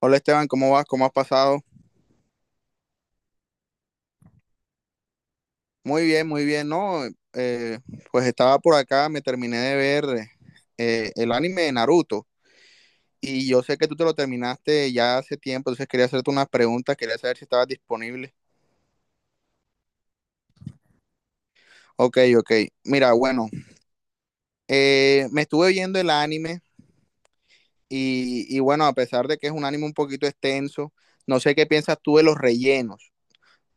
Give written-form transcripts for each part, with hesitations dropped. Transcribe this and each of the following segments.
Hola Esteban, ¿cómo vas? ¿Cómo has pasado? Muy bien, ¿no? Eh, pues estaba por acá, me terminé de ver el anime de Naruto y yo sé que tú te lo terminaste ya hace tiempo, entonces quería hacerte unas preguntas, quería saber si estabas disponible. Ok, ok. Mira, bueno, me estuve viendo el anime y bueno, a pesar de que es un anime un poquito extenso, no sé qué piensas tú de los rellenos.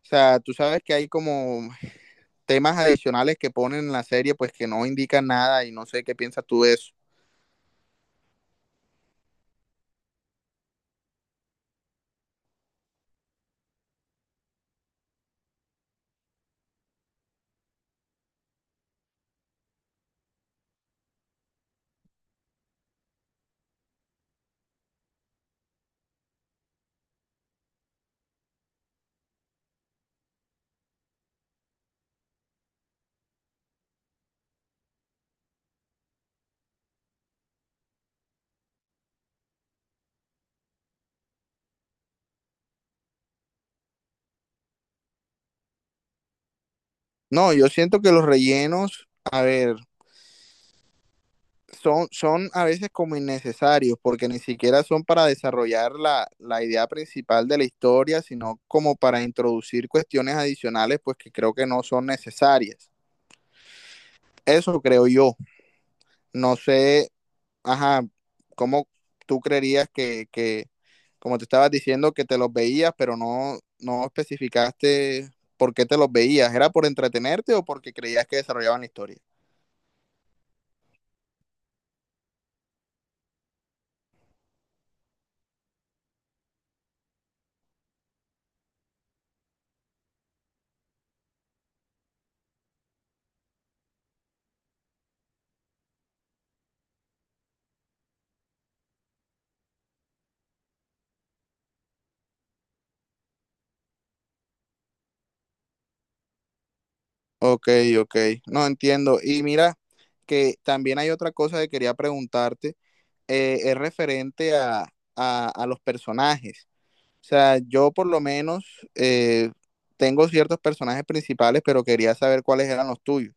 O sea, tú sabes que hay como temas adicionales que ponen en la serie pues que no indican nada y no sé qué piensas tú de eso. No, yo siento que los rellenos, a ver, son a veces como innecesarios, porque ni siquiera son para desarrollar la idea principal de la historia, sino como para introducir cuestiones adicionales, pues que creo que no son necesarias. Eso creo yo. No sé, ajá, cómo tú creerías que como te estabas diciendo, que te los veías, pero no especificaste por qué te los veías. ¿Era por entretenerte o porque creías que desarrollaban la historia? Ok, ok. No entiendo. Y mira, que también hay otra cosa que quería preguntarte, es referente a, a los personajes. O sea, yo por lo menos eh, tengo ciertos personajes principales, pero quería saber cuáles eran los tuyos.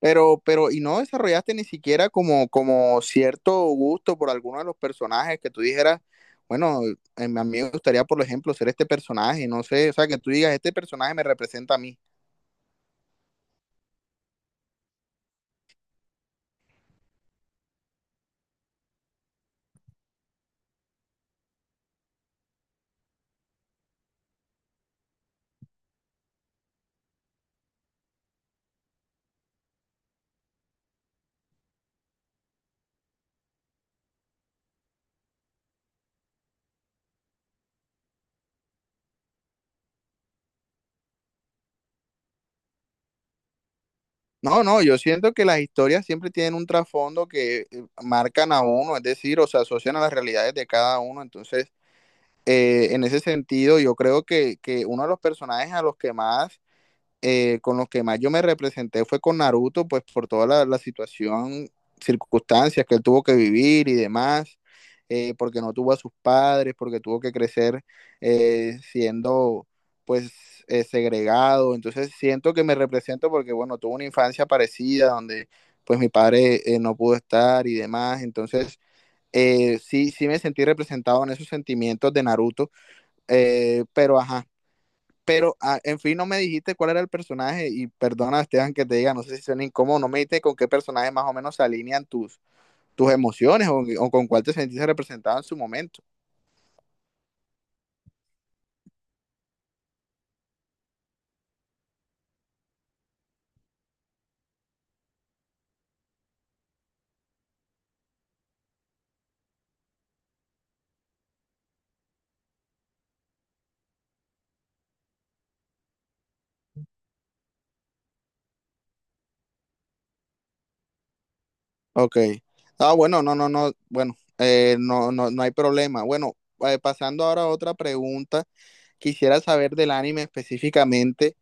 Pero, y no desarrollaste ni siquiera como, como cierto gusto por alguno de los personajes que tú dijeras, bueno, a mí me gustaría, por ejemplo, ser este personaje, no sé, o sea, que tú digas, este personaje me representa a mí. No, yo siento que las historias siempre tienen un trasfondo que marcan a uno, es decir, o se asocian a las realidades de cada uno. Entonces, en ese sentido, yo creo que uno de los personajes a los que más con los que más yo me representé fue con Naruto, pues por toda la situación, circunstancias que él tuvo que vivir y demás, porque no tuvo a sus padres, porque tuvo que crecer siendo pues segregado. Entonces siento que me represento porque, bueno, tuve una infancia parecida donde pues mi padre no pudo estar y demás. Entonces… Sí, me sentí representado en esos sentimientos de Naruto, pero ajá, pero, ah, en fin, no me dijiste cuál era el personaje y perdona, Esteban, que te diga, no sé si suena incómodo, no me dijiste con qué personaje más o menos se alinean tus, tus emociones o con cuál te sentiste representado en su momento. Ok. Ah, bueno, no, no, no, bueno, no, no, no hay problema. Bueno, pasando ahora a otra pregunta, quisiera saber del anime específicamente,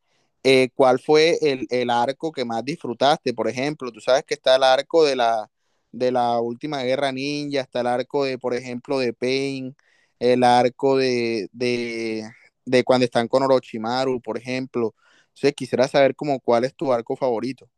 ¿cuál fue el arco que más disfrutaste? Por ejemplo, tú sabes que está el arco de de la última guerra ninja, está el arco de, por ejemplo, de Pain, el arco de cuando están con Orochimaru, por ejemplo. Entonces, quisiera saber como cuál es tu arco favorito.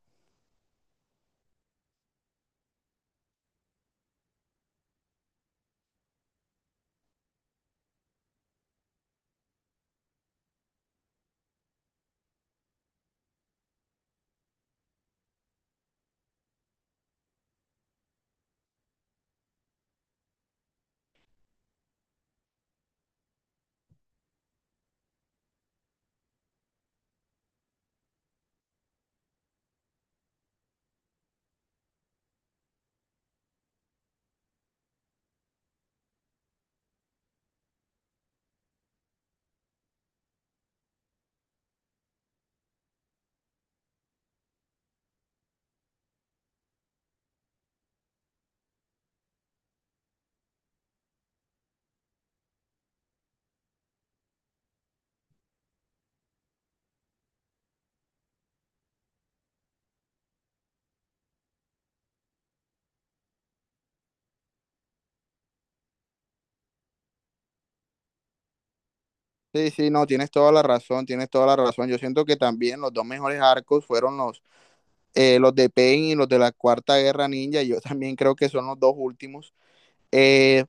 Sí, sí, no, tienes toda la razón, tienes toda la razón. Yo siento que también los dos mejores arcos fueron los de Pain y los de la Cuarta Guerra Ninja. Yo también creo que son los dos últimos. Eh,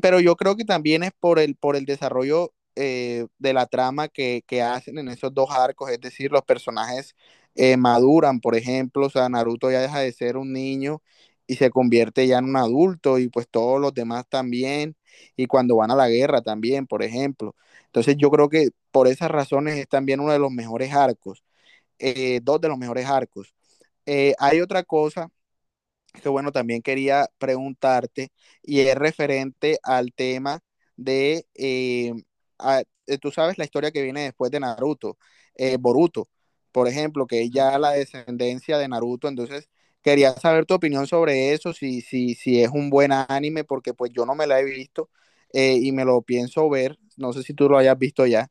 pero yo creo que también es por el desarrollo de la trama que hacen en esos dos arcos, es decir, los personajes maduran, por ejemplo, o sea, Naruto ya deja de ser un niño y se convierte ya en un adulto y pues todos los demás también, y cuando van a la guerra también, por ejemplo. Entonces yo creo que por esas razones es también uno de los mejores arcos, dos de los mejores arcos. Hay otra cosa que bueno, también quería preguntarte y es referente al tema de, tú sabes la historia que viene después de Naruto, Boruto, por ejemplo, que es ya la descendencia de Naruto, entonces quería saber tu opinión sobre eso, si es un buen anime, porque pues yo no me la he visto y me lo pienso ver, no sé si tú lo hayas visto ya.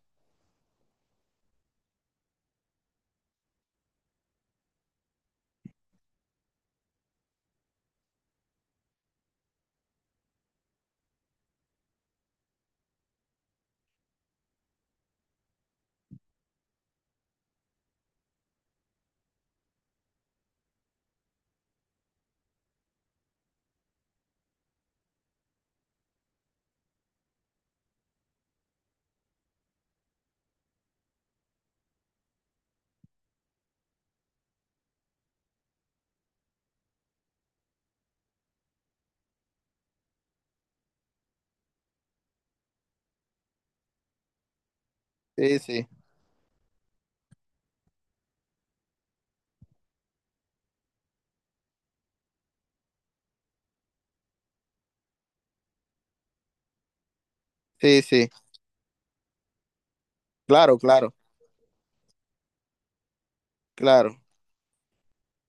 Sí, sí, sí, sí, claro, claro, claro.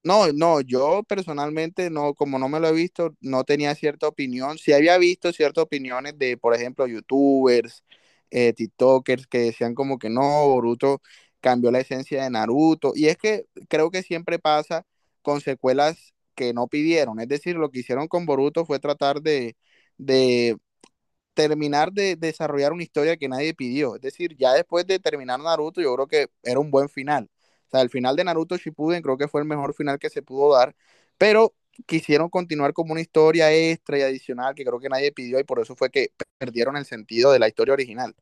No, no, yo personalmente no, como no me lo he visto, no tenía cierta opinión. Sí había visto ciertas opiniones de, por ejemplo, youtubers, TikTokers que decían como que no, Boruto cambió la esencia de Naruto. Y es que creo que siempre pasa con secuelas que no pidieron. Es decir, lo que hicieron con Boruto fue tratar de terminar de desarrollar una historia que nadie pidió. Es decir, ya después de terminar Naruto, yo creo que era un buen final. O sea, el final de Naruto Shippuden creo que fue el mejor final que se pudo dar, pero quisieron continuar como una historia extra y adicional que creo que nadie pidió y por eso fue que perdieron el sentido de la historia original.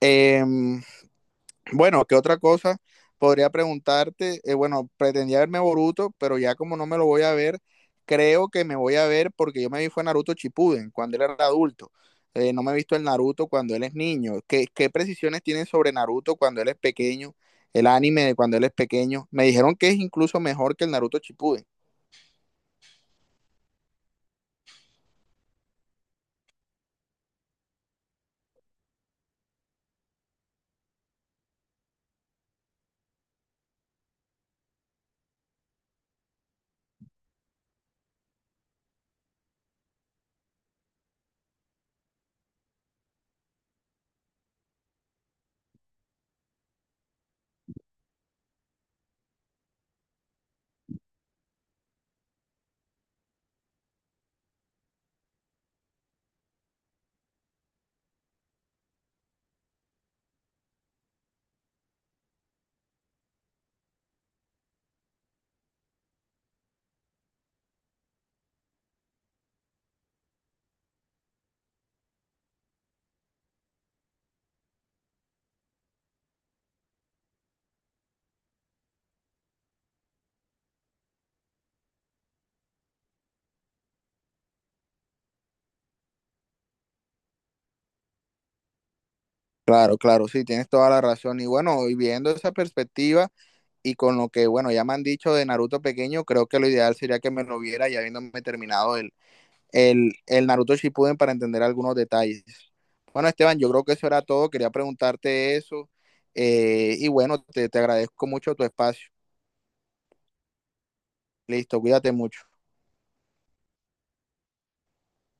Eh, bueno, ¿qué otra cosa podría preguntarte? Bueno, pretendía verme Boruto, pero ya como no me lo voy a ver, creo que me voy a ver porque yo me vi fue Naruto Chipuden cuando él era adulto. No me he visto el Naruto cuando él es niño. ¿¿Qué precisiones tienen sobre Naruto cuando él es pequeño? El anime de cuando él es pequeño. Me dijeron que es incluso mejor que el Naruto Chipuden. Claro, claro, sí, tienes toda la razón. Y bueno, y viendo esa perspectiva y con lo que, bueno, ya me han dicho de Naruto pequeño, creo que lo ideal sería que me lo viera ya habiéndome terminado el Naruto Shippuden para entender algunos detalles. Bueno, Esteban, yo creo que eso era todo. Quería preguntarte eso. Y bueno, te agradezco mucho tu espacio. Listo, cuídate mucho.